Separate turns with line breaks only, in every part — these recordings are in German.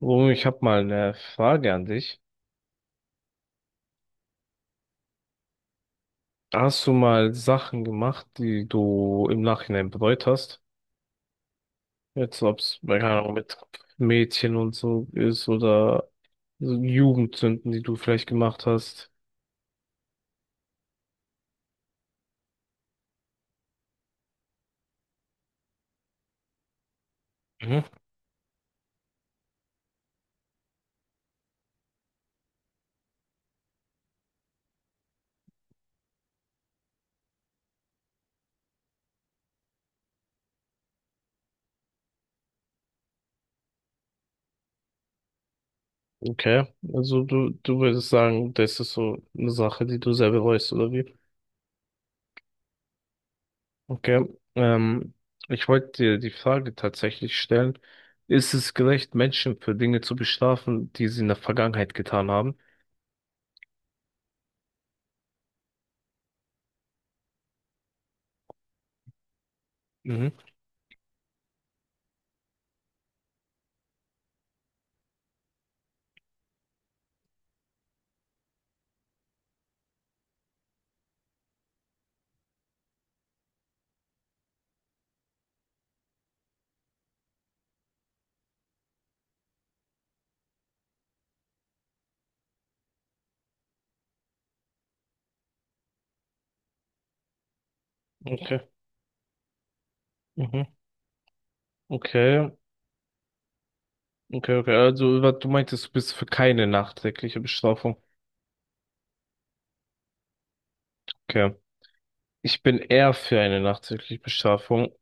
Oh, ich habe mal eine Frage an dich. Hast du mal Sachen gemacht, die du im Nachhinein bereut hast? Jetzt, ob es, keine Ahnung, mit Mädchen und so ist oder so Jugendsünden, die du vielleicht gemacht hast. Mhm. Okay, also du würdest sagen, das ist so eine Sache, die du sehr bereust, oder wie? Okay, ähm, ich wollte dir die Frage tatsächlich stellen. Ist es gerecht, Menschen für Dinge zu bestrafen, die sie in der Vergangenheit getan haben? Mhm. Okay. Mhm. Okay, okay, okay. Also, du meintest, du bist für keine nachträgliche Bestrafung. Okay. Ich bin eher für eine nachträgliche Bestrafung.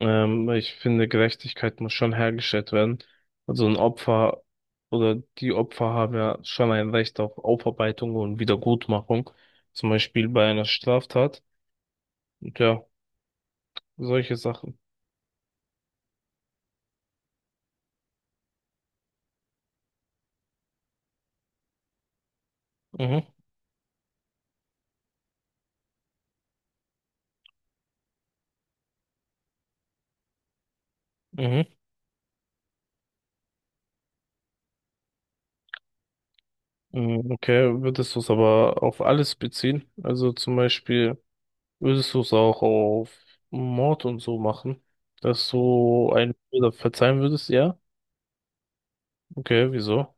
Weil ich finde, Gerechtigkeit muss schon hergestellt werden. Also ein Opfer oder die Opfer haben ja schon ein Recht auf Aufarbeitung und Wiedergutmachung. Zum Beispiel bei einer Straftat. Und ja, solche Sachen. Mhm, mhm. Mhm, okay, würdest du es aber auf alles beziehen? Also zum Beispiel. Würdest du es auch auf Mord und so machen? Dass du einen Mörder verzeihen würdest? Ja? Okay, wieso?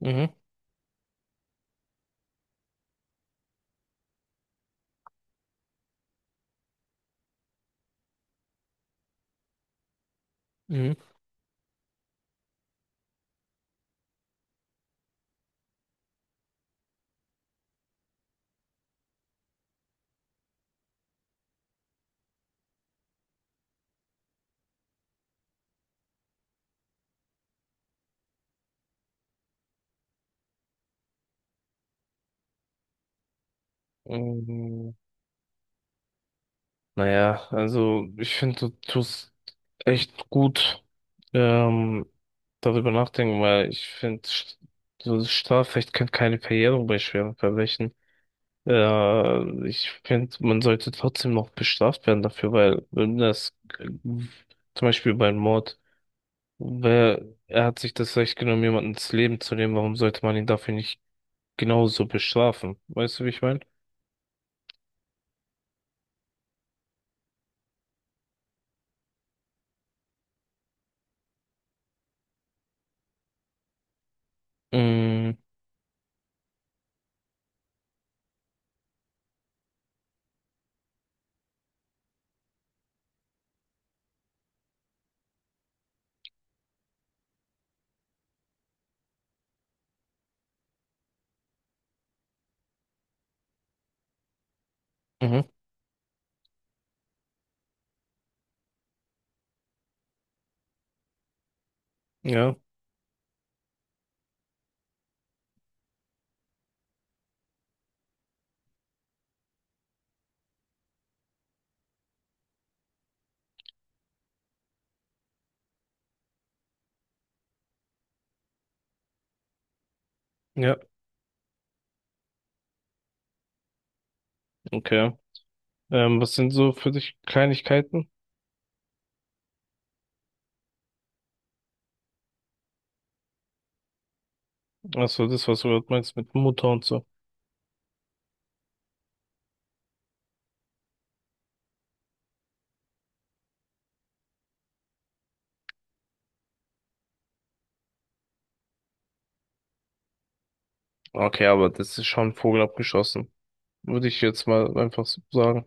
Mhm. Mhm. Ähm, naja, also ich finde, du tust echt gut ähm, darüber nachdenken, weil ich finde, so das Strafrecht kennt keine Verjährung bei schweren Verbrechen. Ich finde, man sollte trotzdem noch bestraft werden dafür, weil wenn das zum Beispiel beim Mord Wer, er hat sich das Recht genommen, jemanden ins Leben zu nehmen. Warum sollte man ihn dafür nicht genauso bestrafen? Weißt du, wie ich meine? Mhm. Mhm. Ja. Ja. Okay. Was sind so für dich Kleinigkeiten? Achso, das, was du gerade meinst mit Mutter und so. Okay, aber das ist schon Vogel abgeschossen. Würde ich jetzt mal einfach so sagen.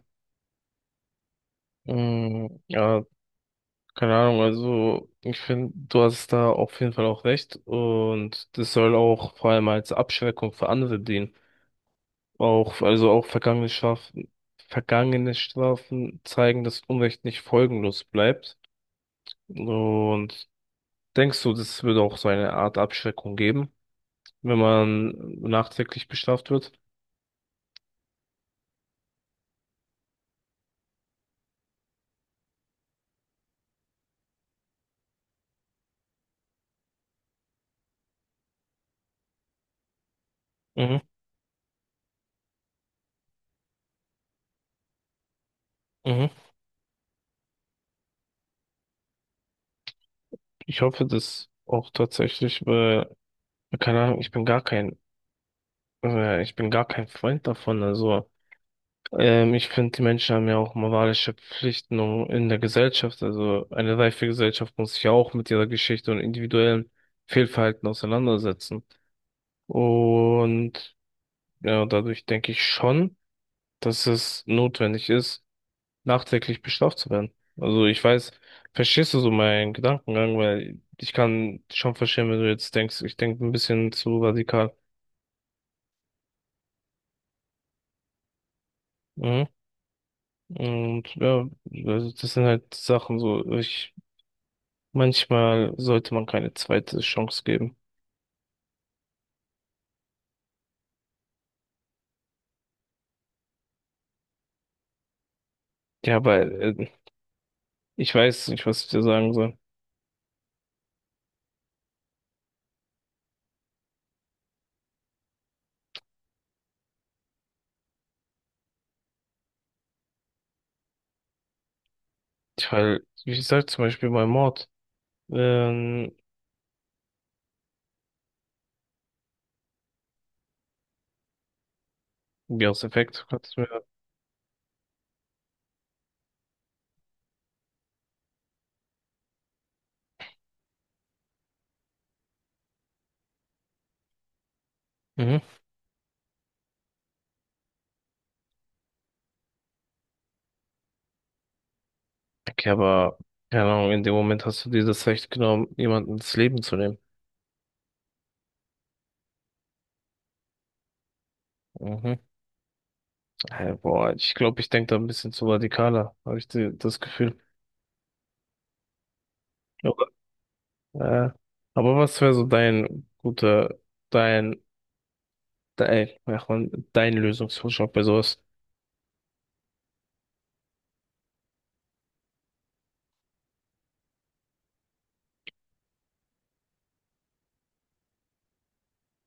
Mhm. Ja, keine Ahnung. Also, ich finde, du hast da auf jeden Fall auch recht. Und das soll auch vor allem als Abschreckung für andere dienen. Auch, also auch vergangene Strafen zeigen, dass Unrecht nicht folgenlos bleibt. Und denkst du, das würde auch so eine Art Abschreckung geben, wenn man nachträglich bestraft wird? Mhm, mhm. Ich hoffe das auch tatsächlich, weil, keine Ahnung, ich bin gar kein Freund davon. Also ich finde, die Menschen haben ja auch moralische Pflichten in der Gesellschaft. Also eine reife Gesellschaft muss sich ja auch mit ihrer Geschichte und individuellen Fehlverhalten auseinandersetzen. Und ja, dadurch denke ich schon, dass es notwendig ist, nachträglich bestraft zu werden. Also ich weiß, verstehst du so meinen Gedankengang, weil ich kann schon verstehen, wenn du jetzt denkst, ich denke ein bisschen zu radikal. Mhm. Und ja, also das sind halt Sachen so, ich manchmal sollte man keine zweite Chance geben. Ja, aber ich weiß nicht, was ich dir sagen soll. Ich halt, ich sag zum Beispiel bei Mord, ähm, ja, aus Effekt, kannst du mir. Mhm. Okay, aber, keine Ahnung, in dem Moment hast du dir das Recht genommen, jemanden ins Leben zu nehmen. Mhm. Boah, ich glaube, ich denke da ein bisschen zu radikaler, habe ich das Gefühl. Aber, äh, aber was wäre so dein guter, dein, dein, ach man, dein Lösungsvorschlag bei sowas?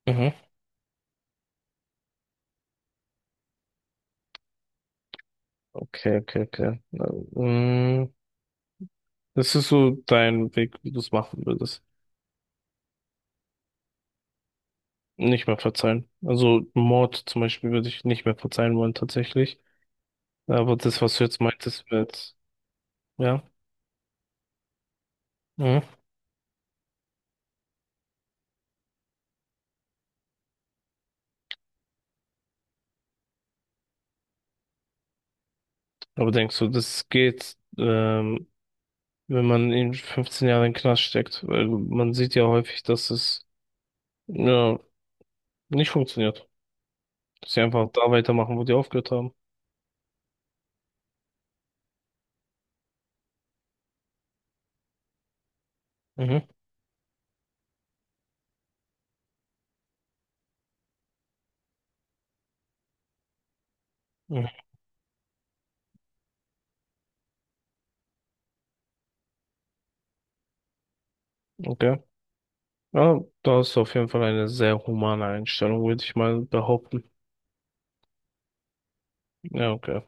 Mhm. Okay, okay, okay. Na, mm, das ist so dein Weg, wie du es machen würdest. Nicht mehr verzeihen. Also Mord zum Beispiel würde ich nicht mehr verzeihen wollen, tatsächlich. Aber das, was du jetzt meintest, wird, ja. Mhm. Aber denkst du, das geht, wenn man in 15 Jahren in den Knast steckt? Weil man sieht ja häufig, dass es, ja, nicht funktioniert. Dass sie einfach da weitermachen, wo die aufgehört haben. Mhm. Mhm. Okay. Ja, da hast du auf jeden Fall eine sehr humane Einstellung, würde ich mal behaupten. Ja, okay.